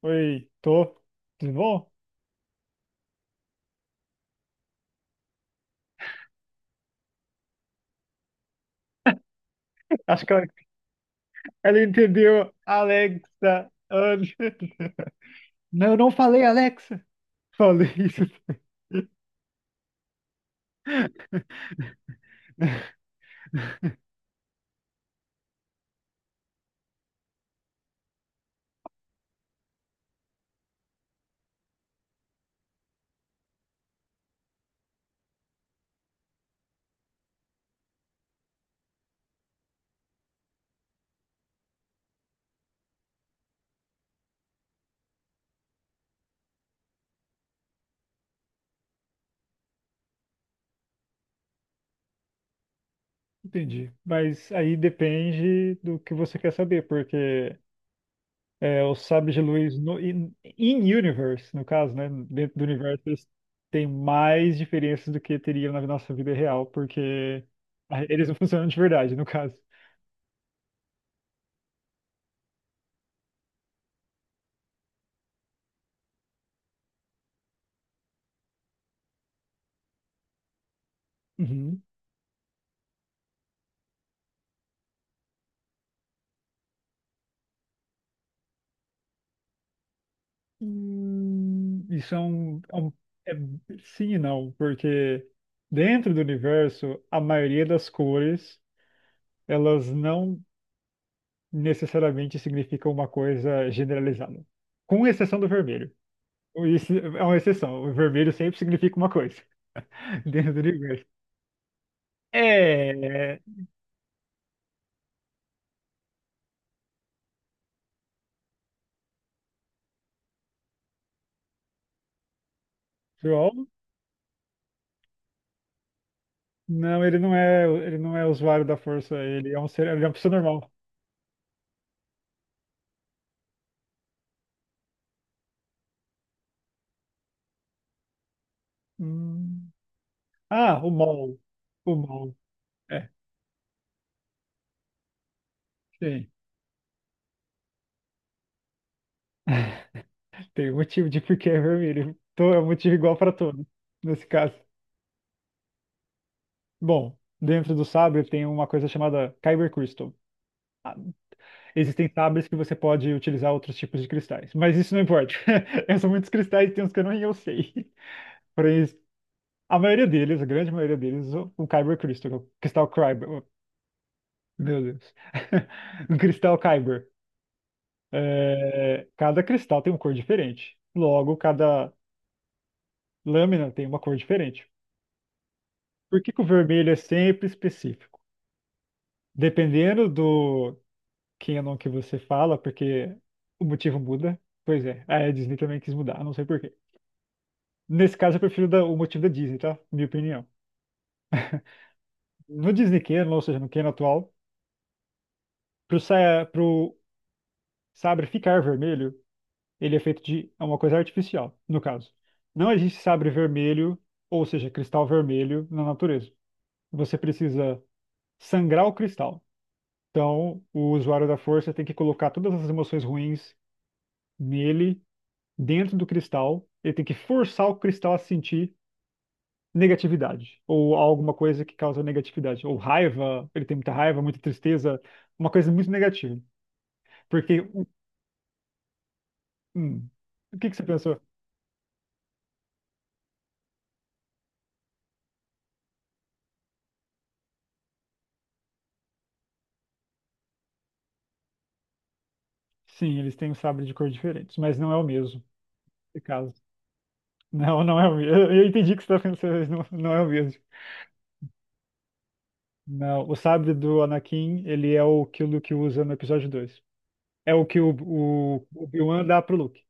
Oi, tô. Tudo bom? Acho que ela entendeu Alexa antes. Não, eu não falei Alexa. Falei isso. Entendi. Mas aí depende do que você quer saber, porque os sabres de luz in universe, no caso, né? Dentro do universo, eles têm mais diferenças do que teriam na nossa vida real, porque eles não funcionam de verdade, no caso. Uhum. Hum, Isso é um, é um- é sim e não, porque dentro do universo, a maioria das cores, elas não necessariamente significam uma coisa generalizada, com exceção do vermelho. Isso é uma exceção, o vermelho sempre significa uma coisa dentro do universo. É, João? Não, ele não é usuário da força, ele é um ser, ele é uma pessoa normal. Hum. Ah, o Maul. O Maul. É, sim. Tem um motivo de por que é vermelho. Então é um motivo igual para todos, nesse caso. Bom, dentro do sabre tem uma coisa chamada Kyber Crystal. Ah, Existem sabres que você pode utilizar outros tipos de cristais, mas isso não importa. São muitos cristais, tem uns que eu não eu sei. Porém, a maioria deles, a grande maioria deles, o Kyber Crystal, o cristal Kyber. Oh, Meu Deus. O cristal Kyber. É, cada cristal tem uma cor diferente. Logo, cada lâmina tem uma cor diferente. Por que que o vermelho é sempre específico? Dependendo do canon que você fala, porque o motivo muda. Pois é, a Disney também quis mudar, eu não sei por quê. Nesse caso, eu prefiro o motivo da Disney, tá? Minha opinião. No Disney canon, ou seja, no canon atual, pro sabre ficar vermelho, ele é feito de uma coisa artificial, no caso. Não existe sabre vermelho, ou seja, cristal vermelho, na natureza. Você precisa sangrar o cristal. Então, o usuário da força tem que colocar todas as emoções ruins nele, dentro do cristal. Ele tem que forçar o cristal a sentir negatividade, ou alguma coisa que causa negatividade, ou raiva. Ele tem muita raiva, muita tristeza, uma coisa muito negativa. Porque, hum, o que que você pensou? Sim, eles têm um sabre de cor diferentes, mas não é o mesmo, nesse caso. Não, não é o mesmo. Eu entendi o que você está pensando, mas não, não é o mesmo. Não, o sabre do Anakin, ele é o que o Luke usa no episódio 2. É o que o Obi-Wan dá pro Luke.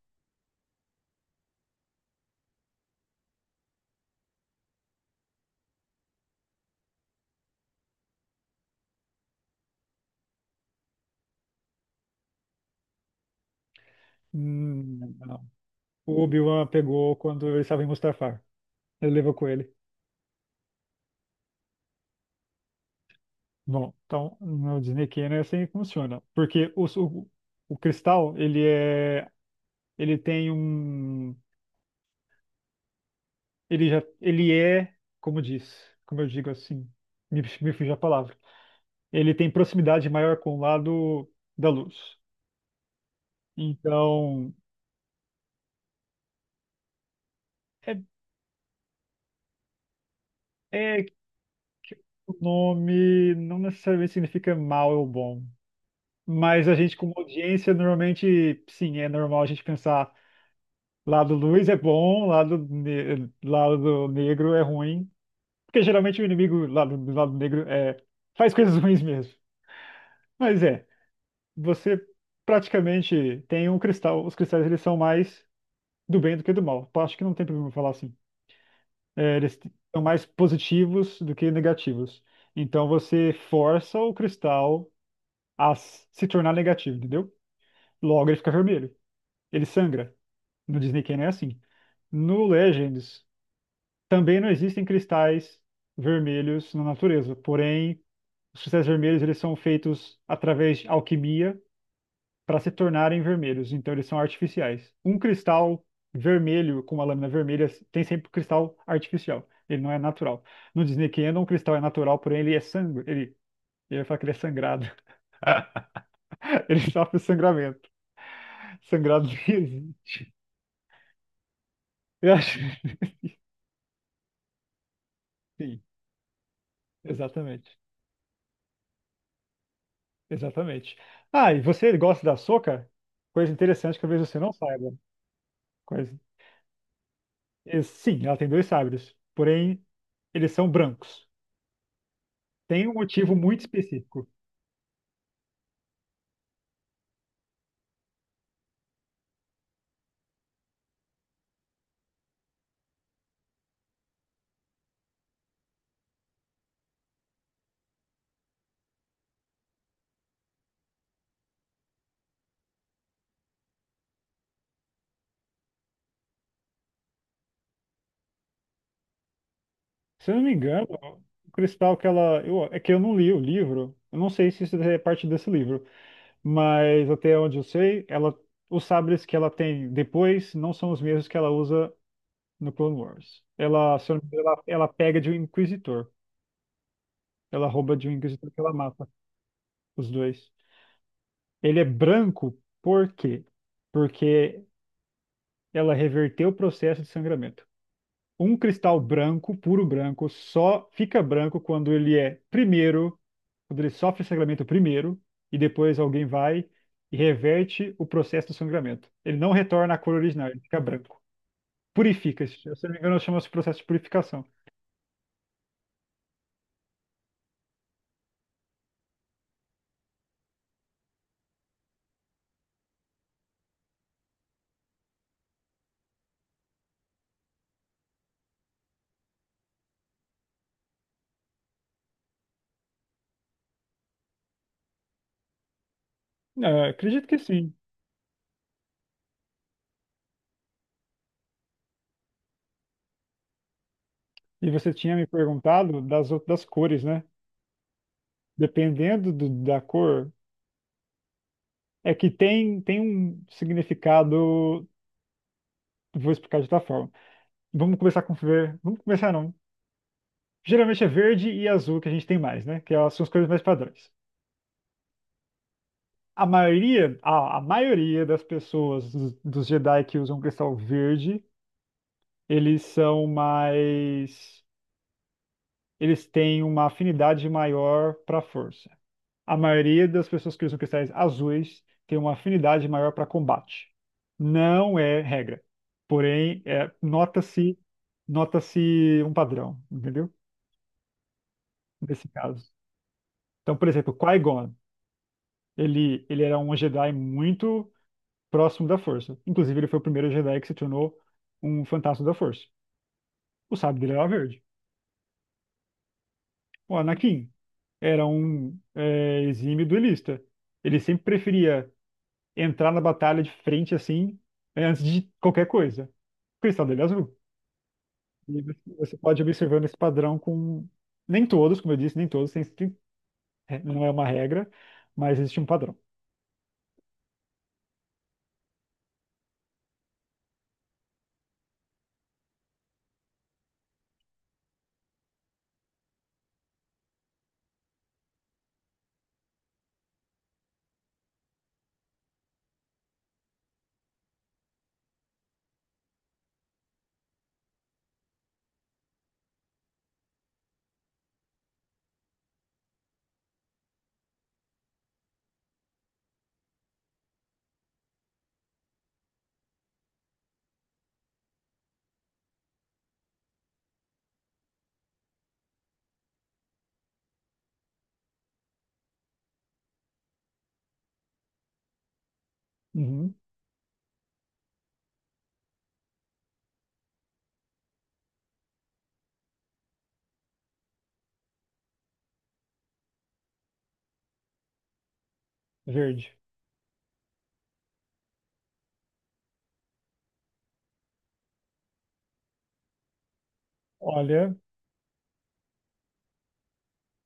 Hum. Não. O Obi-Wan pegou quando ele estava em Mustafar. Ele levou com ele. Bom, então no Disney Canon é assim que funciona. Porque o cristal, ele é. Ele tem um. Ele já. Ele é. Como diz. Como eu digo assim. Me fugiu a palavra. Ele tem proximidade maior com o lado da luz. Então. É, é, que o nome não necessariamente significa mal ou bom. Mas a gente, como audiência, normalmente, sim, é normal a gente pensar lado luz é bom, lado negro é ruim. Porque geralmente o inimigo lado, do lado negro faz coisas ruins mesmo. Mas você praticamente tem um cristal. Os cristais eles são mais do bem do que do mal. Eu acho que não tem problema falar assim. É, eles são mais positivos do que negativos. Então você força o cristal a se tornar negativo, entendeu? Logo ele fica vermelho. Ele sangra. No Disney Canyon é assim. No Legends, também não existem cristais vermelhos na natureza. Porém, os cristais vermelhos eles são feitos através de alquimia para se tornarem vermelhos. Então, eles são artificiais. Um cristal vermelho com uma lâmina vermelha tem sempre um cristal artificial. Ele não é natural. No Disney Canyon, um cristal é natural, porém ele é sangue. Ele fala que ele é sangrado. Ele sofre sangramento. Sangrado não existe. Eu acho. Sim, exatamente. Exatamente. Ah, e você gosta da Sokka? Coisa interessante que talvez você não saiba. Coisa. Sim, ela tem dois sabres, porém eles são brancos. Tem um motivo muito específico. Se eu não me engano, o cristal que ela. Eu. É que eu não li o livro, eu não sei se isso é parte desse livro, mas até onde eu sei, ela. Os sabres que ela tem depois não são os mesmos que ela usa no Clone Wars. Ela, se eu não me engano, ela pega de um inquisitor. Ela rouba de um inquisitor que ela mata os dois. Ele é branco por quê? Porque ela reverteu o processo de sangramento. Um cristal branco, puro branco, só fica branco quando ele é primeiro, quando ele sofre sangramento primeiro, e depois alguém vai e reverte o processo do sangramento. Ele não retorna à cor original, ele fica branco. Purifica, se eu não me engano, chama-se processo de purificação. Ah, acredito que sim. E você tinha me perguntado das outras cores, né? Dependendo do- da cor. É que tem um significado. Vou explicar de outra forma. Vamos começar com ver. Vamos começar não. Geralmente é verde e azul que a gente tem mais, né? Que elas são as cores mais padrões. A maioria, a maioria das pessoas dos Jedi que usam cristal verde, eles são mais, eles têm uma afinidade maior para a força. A maioria das pessoas que usam cristais azuis tem uma afinidade maior para combate. Não é regra. Porém, nota-se um padrão, entendeu? Nesse caso. Então, por exemplo, Qui-Gon, ele era um Jedi muito próximo da Força. Inclusive, ele foi o primeiro Jedi que se tornou um fantasma da Força. O sábio dele era verde. O Anakin era um exímio duelista. Ele sempre preferia entrar na batalha de frente assim, né, antes de qualquer coisa. O cristal dele é azul. E você pode ir observando esse padrão com. Nem todos, como eu disse, nem todos, não é uma regra, mas existe um padrão. Uhum, verde. Olha,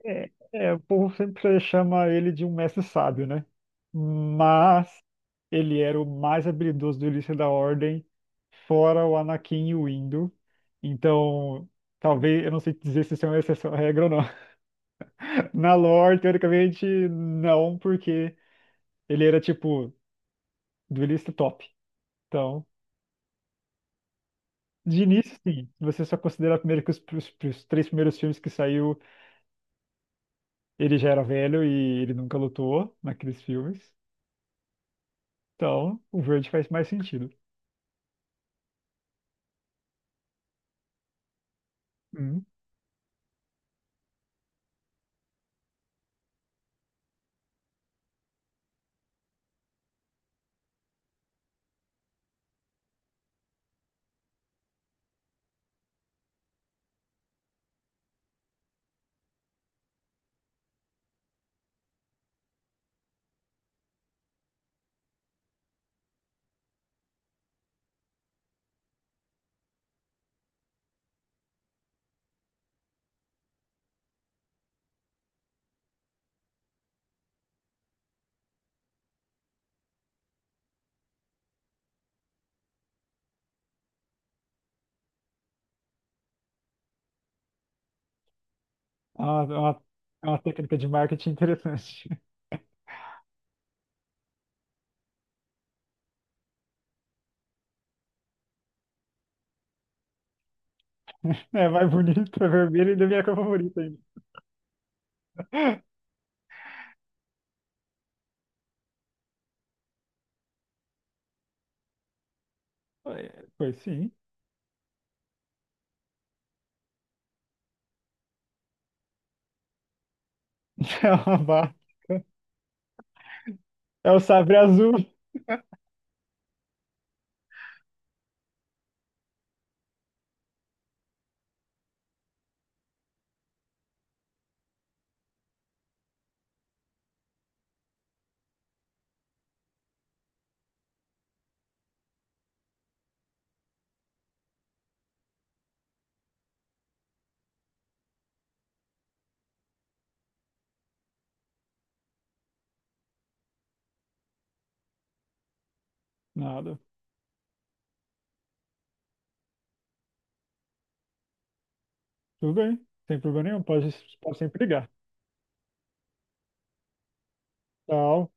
o povo sempre chama ele de um mestre sábio, né? Mas ele era o mais habilidoso do Ilícia da Ordem, fora o Anakin e o Indo. Então, talvez, eu não sei dizer se isso é uma exceção à regra ou não. Na lore, teoricamente, não, porque ele era tipo duelista top. Então, de início, sim. Se você só considerar primeiro que os três primeiros filmes que saiu, ele já era velho e ele nunca lutou naqueles filmes. Então, o verde faz mais sentido. Hum. É uma, é uma, é uma técnica de marketing interessante. É mais bonito, é vermelho e da minha cor favorita ainda. Pois sim. É uma barra. É o sabre azul. Nada. Tudo bem. Sem problema nenhum. Pode sempre ligar. Tchau.